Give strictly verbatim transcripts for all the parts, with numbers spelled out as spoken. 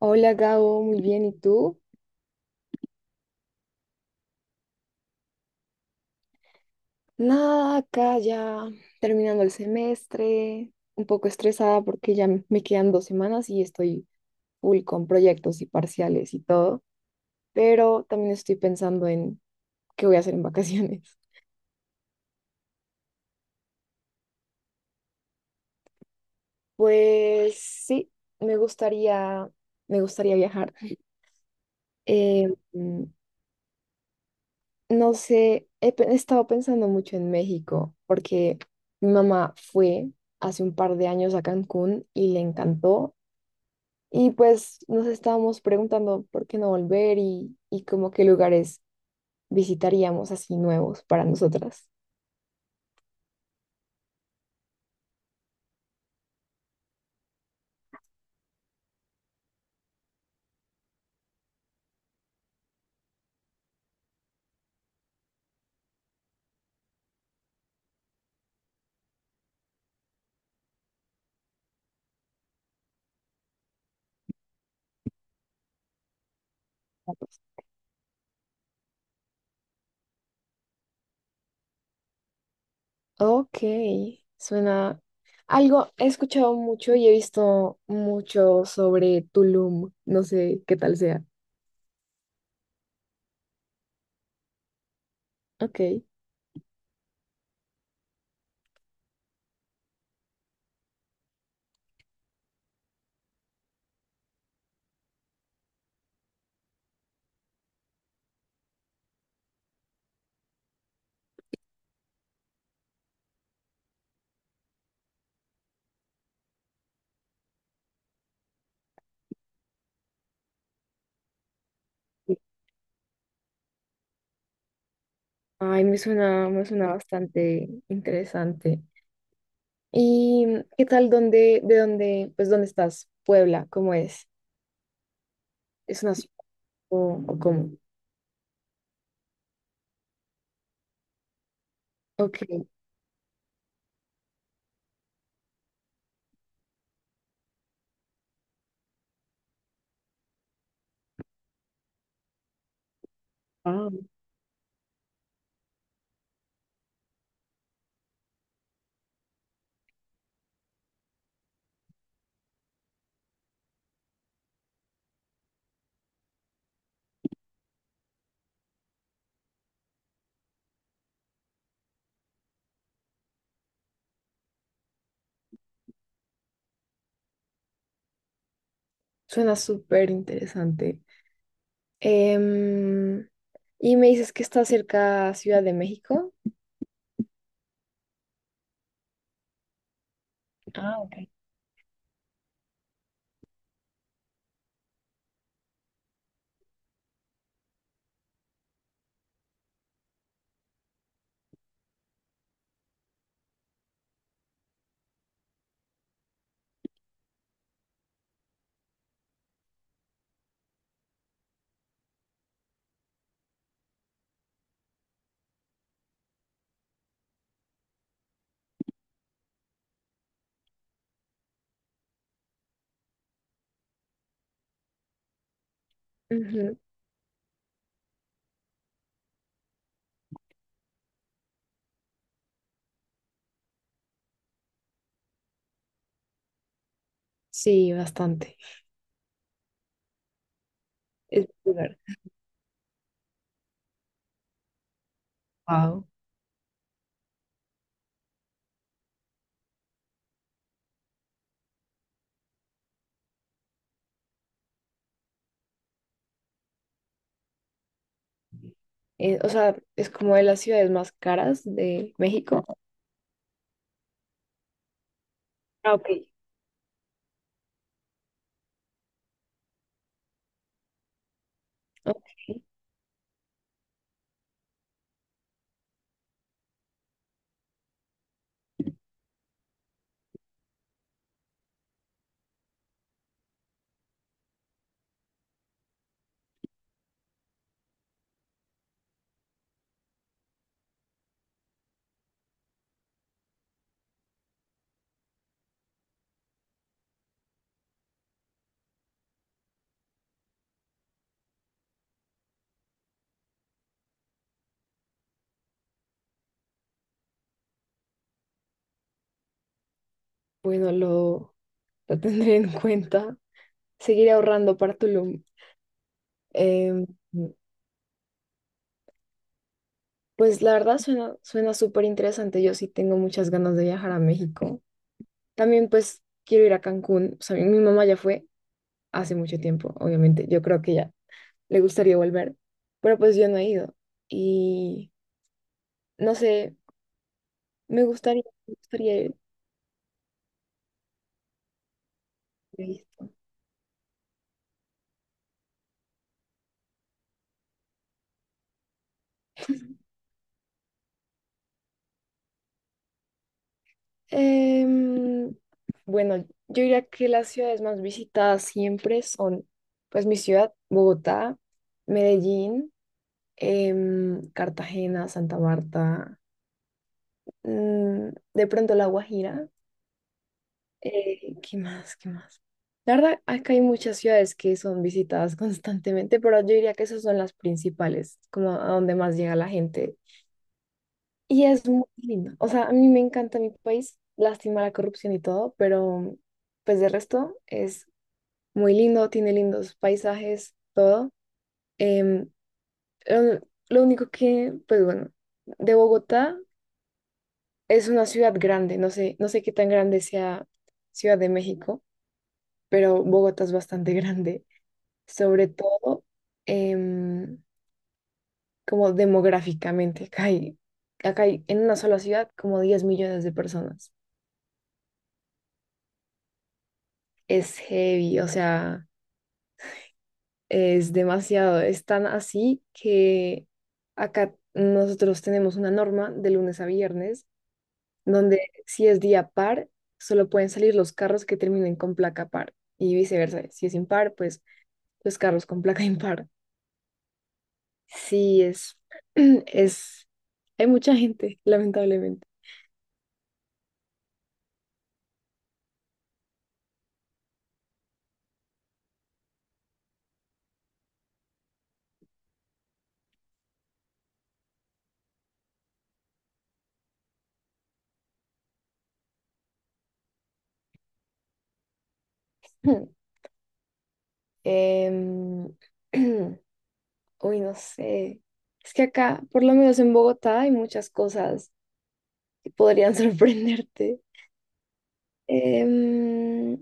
Hola Gabo, muy bien, ¿y tú? Nada, acá ya terminando el semestre, un poco estresada porque ya m- me quedan dos semanas y estoy full con proyectos y parciales y todo, pero también estoy pensando en qué voy a hacer en vacaciones. Pues sí, me gustaría, me gustaría viajar. Eh, mm, no sé, he, pe- he estado pensando mucho en México porque mi mamá fue hace un par de años a Cancún y le encantó. Y pues nos estábamos preguntando por qué no volver y, y como qué lugares visitaríamos así nuevos para nosotras. Ok, suena algo, he escuchado mucho y he visto mucho sobre Tulum, no sé qué tal sea. Ok. Ay, me suena, me suena bastante interesante. ¿Y mm, qué tal dónde, de dónde, pues dónde estás? Puebla, ¿cómo es? ¿Es una ciudad o, o cómo? Ok. Wow. Suena súper interesante. Em, y me dices que está cerca a Ciudad de México. Ah, ok. Ujú. Sí, bastante. Es popular. Wow. Eh, o sea, es como de las ciudades más caras de México. Ah, ok. Ok. Bueno, lo, lo tendré en cuenta. Seguiré ahorrando para Tulum. Em, pues la verdad suena, suena súper interesante. Yo sí tengo muchas ganas de viajar a México. También pues quiero ir a Cancún. O sea, mi mi mamá ya fue hace mucho tiempo, obviamente. Yo creo que ya le gustaría volver, pero pues yo no he ido. Y no sé, me gustaría, me gustaría ir. ¿Qué he visto? Em, bueno, yo diría que las ciudades más visitadas siempre son, pues mi ciudad, Bogotá, Medellín, em, Cartagena, Santa Marta, mm, de pronto La Guajira. Eh, ¿qué más? ¿Qué más? La verdad, acá hay muchas ciudades que son visitadas constantemente, pero yo diría que esas son las principales, como a donde más llega la gente. Y es muy lindo. O sea, a mí me encanta mi país, lástima la corrupción y todo, pero pues de resto es muy lindo, tiene lindos paisajes, todo. Em, lo, lo único que, pues bueno, de Bogotá, es una ciudad grande, no sé, no sé qué tan grande sea Ciudad de México, pero Bogotá es bastante grande. Sobre todo em, como demográficamente. Acá hay, acá hay en una sola ciudad como diez millones de personas. Es heavy, o sea, es demasiado. Es tan así que acá nosotros tenemos una norma de lunes a viernes donde si es día par, solo pueden salir los carros que terminen con placa par y viceversa. Si es impar, pues los carros con placa impar. Sí, es, es, hay mucha gente, lamentablemente. Em, uy, no sé. Es que acá, por lo menos en Bogotá, hay muchas cosas que podrían sorprenderte. Em,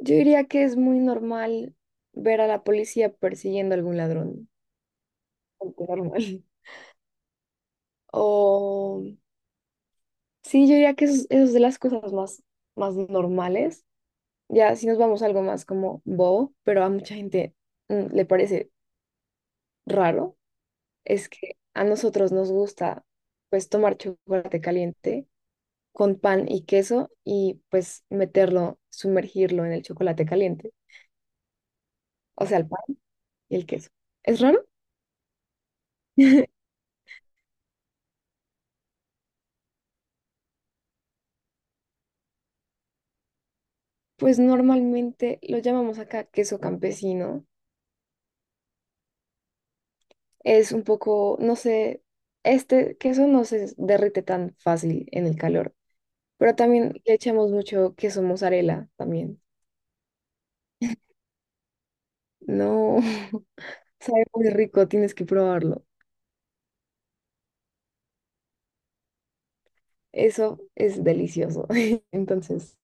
yo diría que es muy normal ver a la policía persiguiendo a algún ladrón. Algo normal. O sí, yo diría que eso, es eso es de las cosas más, más normales. Ya si nos vamos a algo más como bobo, pero a mucha gente mm, le parece raro. Es que a nosotros nos gusta pues tomar chocolate caliente con pan y queso y pues meterlo, sumergirlo en el chocolate caliente, o sea, el pan y el queso. ¿Es raro? Pues normalmente lo llamamos acá queso campesino. Es un poco, no sé, este queso no se derrite tan fácil en el calor, pero también le echamos mucho queso mozzarella también. No, sabe muy rico, tienes que probarlo. Eso es delicioso. Entonces,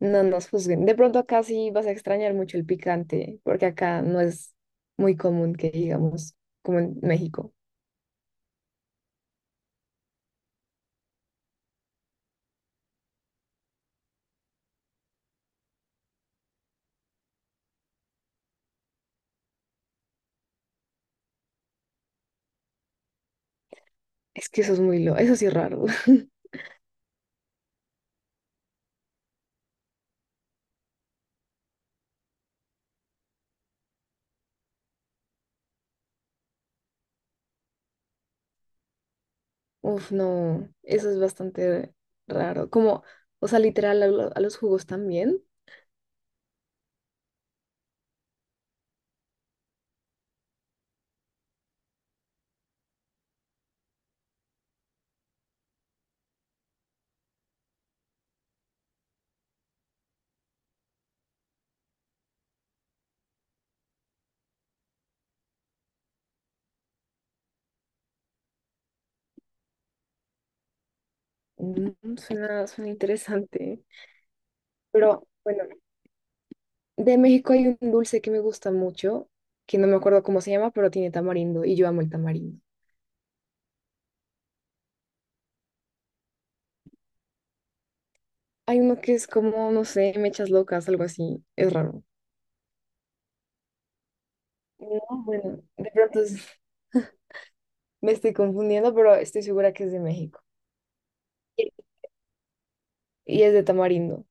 no nos juzguen. De pronto acá sí vas a extrañar mucho el picante, porque acá no es muy común que digamos, como en México. Es que eso es muy lo, eso sí es raro. Uf, no, eso es bastante raro. Como, o sea, literal, a, lo- a los jugos también. Mm, suena, suena interesante. Pero bueno, de México hay un dulce que me gusta mucho, que no me acuerdo cómo se llama, pero tiene tamarindo y yo amo el tamarindo. Hay uno que es como, no sé, mechas locas, algo así. Es raro. No, bueno, de pronto es- me estoy confundiendo, pero estoy segura que es de México. Y y es de tamarindo.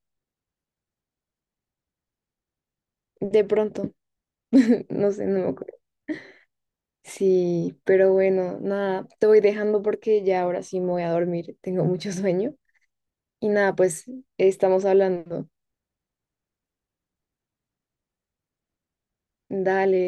De pronto. No sé, no me acuerdo. Sí, pero bueno, nada, te voy dejando porque ya ahora sí me voy a dormir. Tengo mucho sueño. Y nada, pues estamos hablando. Dale.